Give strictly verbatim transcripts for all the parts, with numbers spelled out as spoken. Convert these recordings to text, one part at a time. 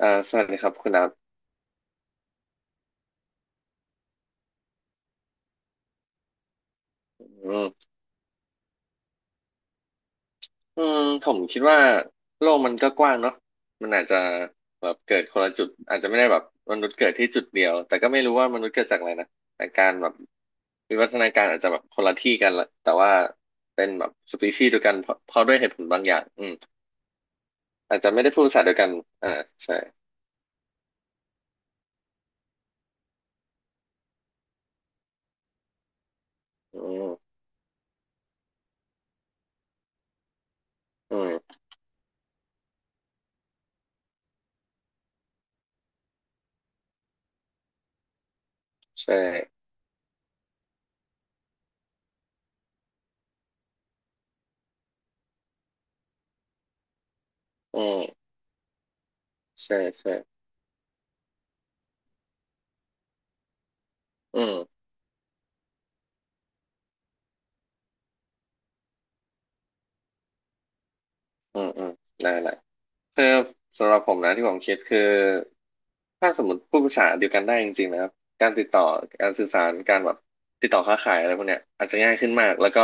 อ่าสวัสดีครับคุณนับอืมอืมผมคิดว่าโลกมันก็กว้างเนาะมันอาจจะแบบเกิดคนละจุดอาจจะไม่ได้แบบมนุษย์เกิดที่จุดเดียวแต่ก็ไม่รู้ว่ามนุษย์เกิดจากอะไรนะแต่การแบบวิวัฒนาการอาจจะแบบคนละที่กันละแต่ว่าเป็นแบบสปีชีส์เดียวกันเพราะเพราะด้วยเหตุผลบางอย่างอืมอาจจะไม่ได้พูดภาษาเดียวกันอ่าใช่อืมอืมใช่อืมใช่ใช่อืมอืมอืมได้ละ คือสำหรับผมนะที่ผมคิดคือถ้าสมมติพูดภาษาเดียวกันได้จริงๆนะครับการติดต่อการสื่อสารการแบบติดต่อค้าขายอะไรพวกเนี้ยอาจจะง่ายขึ้นมากแล้วก็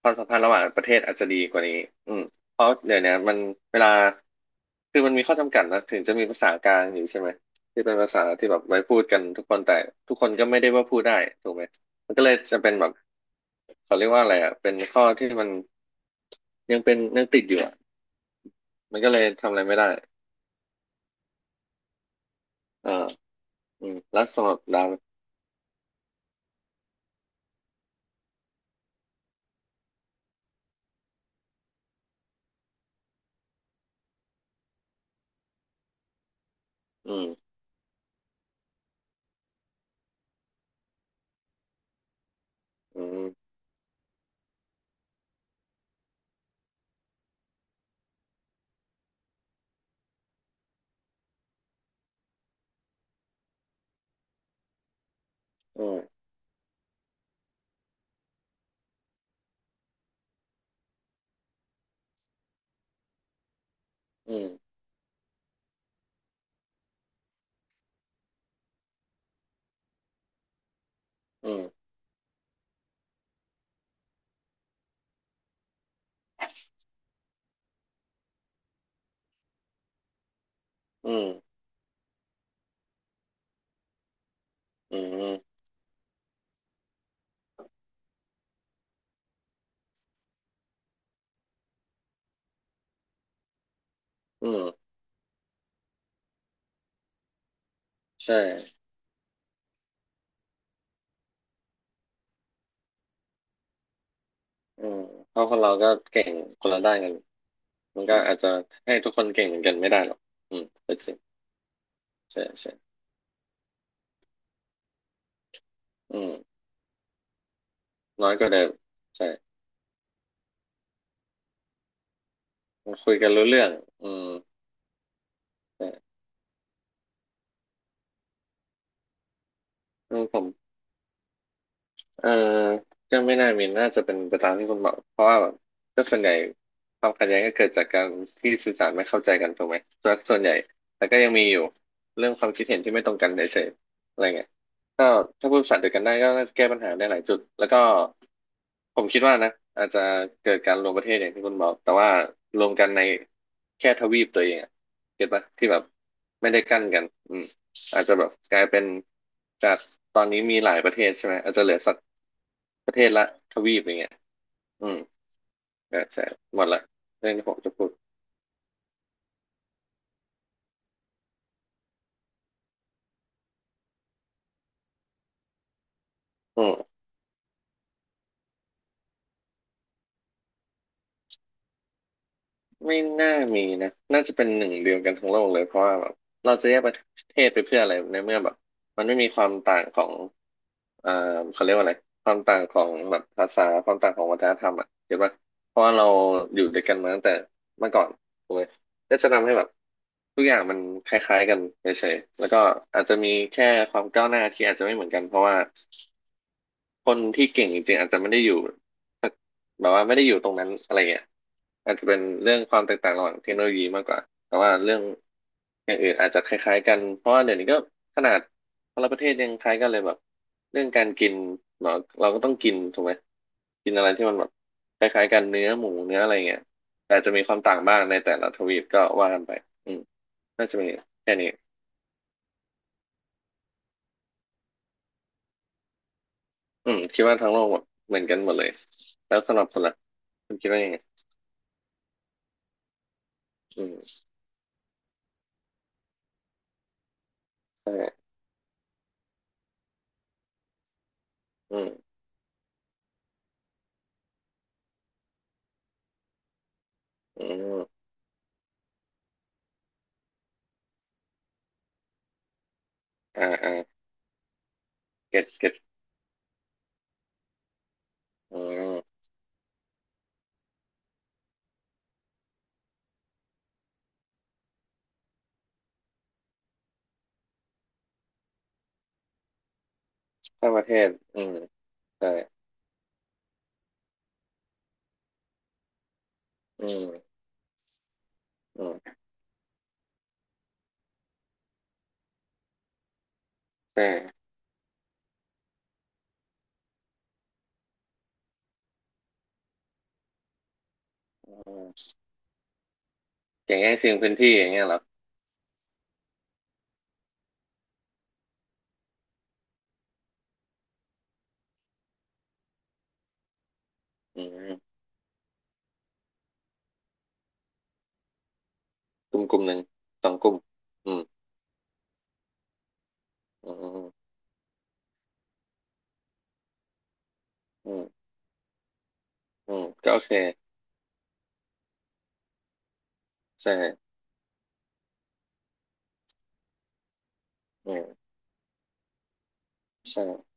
ความสัมพันธ์ระหว่างประเทศอาจจะดีกว่านี้อืมเพราะเดี๋ยวเนี้ยมันเวลาคือมันมีข้อจำกัดนะถึงจะมีภาษากลางอยู่ใช่ไหมที่เป็นภาษาที่แบบไว้พูดกันทุกคนแต่ทุกคนก็ไม่ได้ว่าพูดได้ถูกไหมมันก็เลยจะเป็นแบบเขาเรียกว่าอะไรอ่ะเป็นข้อที่มันยังเป็นยังติดอยู่อ่ะมันก็เลยทำอะไรไม่ได้ เอออืมแล้วสำหรับเราอืมอืมอืมอืมอืมอืมอืมอืมใช่อืมเพราะคนเราก็เก่งคนละด้านกัน มันก็อาจจะให้ทุกคนเก่งเหมือนกันไม่ได้หรอกอืมเป็นสิ่งใช่ใช่อืมน้อยกว่าเดิมใช่คุยกันรู้เรื่องอืมใช่อืมผม เออก็ไม่น่ามีน่าจะเป็นไปตามที่คุณบอกเพราะว่าแบบก็ส่วนใหญ่ความขัดแย้งก็เกิดจากการที่สื่อสารไม่เข้าใจกันถูกไหมส่วนส่วนใหญ่แต่ก็ยังมีอยู่เรื่องความคิดเห็นที่ไม่ตรงกันเฉยๆอะไรเงี้ยก็ถ้าพูดภาษาเดียวกันได้ก็น่าจะแก้ปัญหาได้หลายจุดแล้วก็ผมคิดว่านะอาจจะเกิดการรวมประเทศอย่างที่คุณบอกแต่ว่ารวมกันในแค่ทวีปตัวเองอะเก็ตปะที่แบบไม่ได้กั้นกันอืมอาจจะแบบกลายเป็นจากตอนนี้มีหลายประเทศใช่ไหมอาจจะเหลือสัก ประเทศละทวีปอย่างเงี้ยอืมแต่แต่หมดละเรื่องที่ผมจะพูดอืมไม่น่ามีนะน่าจะเป็นหนึ่งเดียวกันทั้งโลกเลยเพราะว่าแบบเราจะแยกประเทศไปเพื่ออะไรในเมื่อแบบมันไม่มีความต่างของเอ่อเขาเรียกว่าอะไรความต่างของแบบภาษาความต่างของวัฒนธรรมอ่ะเห็นปะเพราะว่าเราอยู่ด้วยกันมาตั้งแต่เมื่อก่อนถูกไหมก็จะทำให้แบบทุกอย่างมันคล้ายๆกันเฉยๆแล้วก็อาจจะมีแค่ความก้าวหน้าที่อาจจะไม่เหมือนกันเพราะว่าคนที่เก่งจริงๆอาจจะไม่ได้อยู่ แบบว่าไม่ได้อยู่ตรงนั้นอะไรเงี้ยอาจจะเป็นเรื่องความแตกต่างระหว่างเทคโนโลยีมากกว่าแต่ว่าเรื่องอย่างอื่นอาจจะคล้ายๆกันเพราะว่าเดี๋ยวนี้ก็ขนาดคนละประเทศยังคล้ายกันเลยแบบเรื่องการกินเนาะเราก็ต้องกินถูกไหมกินอะไรที่มันแบบคล้ายๆกันเนื้อหมูเนื้ออะไรเงี้ยแต่อาจจะมีความต่างบ้างในแต่ละทวีปก็ว่ากันไปอืมน่าจะมีแค่นี้อืมคิดว่าทั้งโลกแบบเหมือนกันหมดเลยแล้วสำหรับคนละคุณคิดว่ายังไงอืมใช่อืมอืมอ่าอ่าเก็ตเก็ อืมข้ามประเทศอืมใช่อืมอืมใช่อืมอย่างง่ายชิงพื้นที่อย่างเงี้ยเหรออืมกลุ่มกลุ่มหนึ่งสองกลุ่มอืมอืมอืมอืมก็โอเคใช่อืมใช่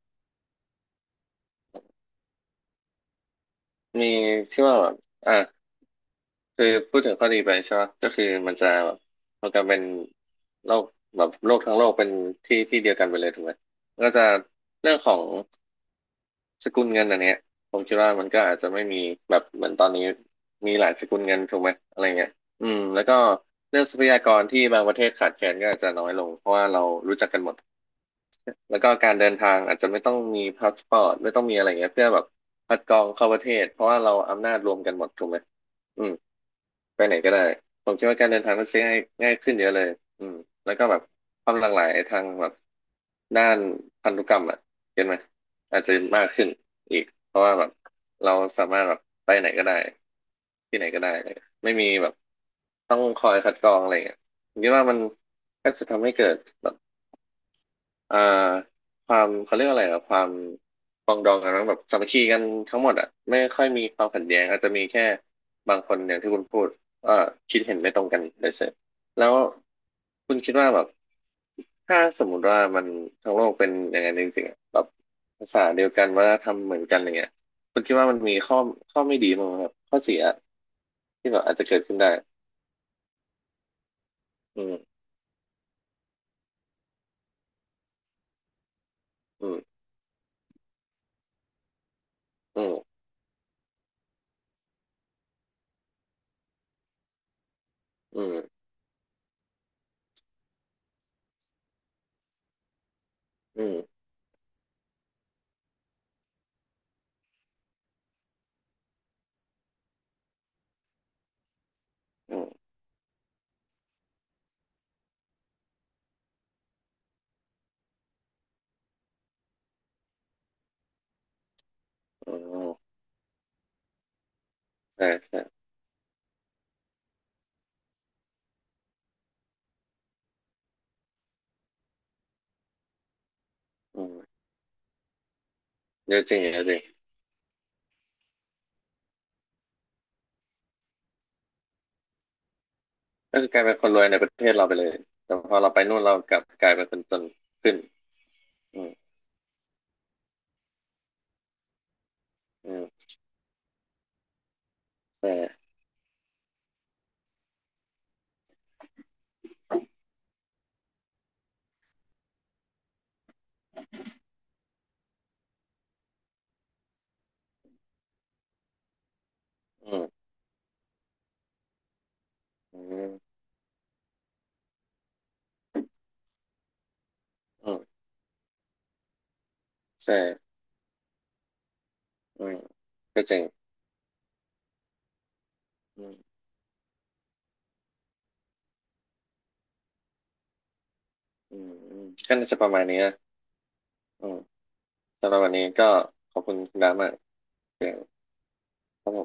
มีที่ว่าแบบอ่ะคือพูดถึงข้อดีไปใช่ไหมก็คือมันจะแบบมันจะเป็นโลกแบบโลกทั้งโลกเป็นที่ที่เดียวกันไปเลยถูกไหมก็จะเรื่องของ สกุลเงินอันเนี้ยผมคิดว่ามันก็อาจจะไม่มีแบบเหมือนตอนนี้มีหลายสกุลเงินถูกไหมอะไรเงี้ยอืมแล้วก็เรื่องทรัพยากรที่บางประเทศขาดแคลนก็อาจจะน้อยลงเพราะว่าเรารู้จักกันหมดแล้วก็การเดินทางอาจจะไม่ต้องมีพาสปอร์ตไม่ต้องมีอะไรเงี้ยเพื่อแบบคัดกรองเข้าประเทศเพราะว่าเราอำนาจรวมกันหมดถูกไหมอืม ไปไหนก็ได้ผมคิดว่าการเดินทางมันซื้อง่ายง่ายขึ้นเยอะเลยอืมแล้วก็แบบความหลากหลายทางแบบด้านพันธุกรรมอ่ะเห็นไหมอาจจะมากขึ้นอีกเพราะว่าแบบเราสามารถแบบไปไหนก็ได้ที่ไหนก็ได้เลยไม่มีแบบต้องคอยคัดกรองอะไรอย่างเงี้ยผมคิดว่ามันก็จะทำให้เกิดแบบ เอ่อความเขาเรียกอะไรอะความปรองดองกันมั้งแบบสามัคคีกันทั้งหมดอะไม่ค่อยมีความขัดแย้งอาจจะมีแค่บางคนอย่างที่คุณพูดเอ่อคิดเห็นไม่ตรงกันเลยเสร็จแล้วคุณคิดว่าแบบถ้าสมมุติว่ามันทั้งโลกเป็นอย่างนั้นจริงๆอะแบบภาษาเดียวกันวัฒนธรรมเหมือนกันอย่างเงี้ยคุณคิดว่ามันมีข้อข้อไม่ดีมั้างไหมครับข้อเสียที่แบบอาจจะเกิดขึ้นได้อืมอืมอืมอืมอืมอืมอืมอืมใช่ใช่อืมเยอะจริงเยอะจริง ก็คือกลายเป็นคนรวยในประเทศเราไปเลย แต่พอเราไปนู่นเรากลับกลายเป็นคนจนขึ้นอืมอืมใช่อืมอืมอืมใช่อืมก็จริงอืมอืมอืมก็น่าจะประมาณนี้นะอืมสำหรับวันนี้ก็ขอบคุณคุณดามากเสียง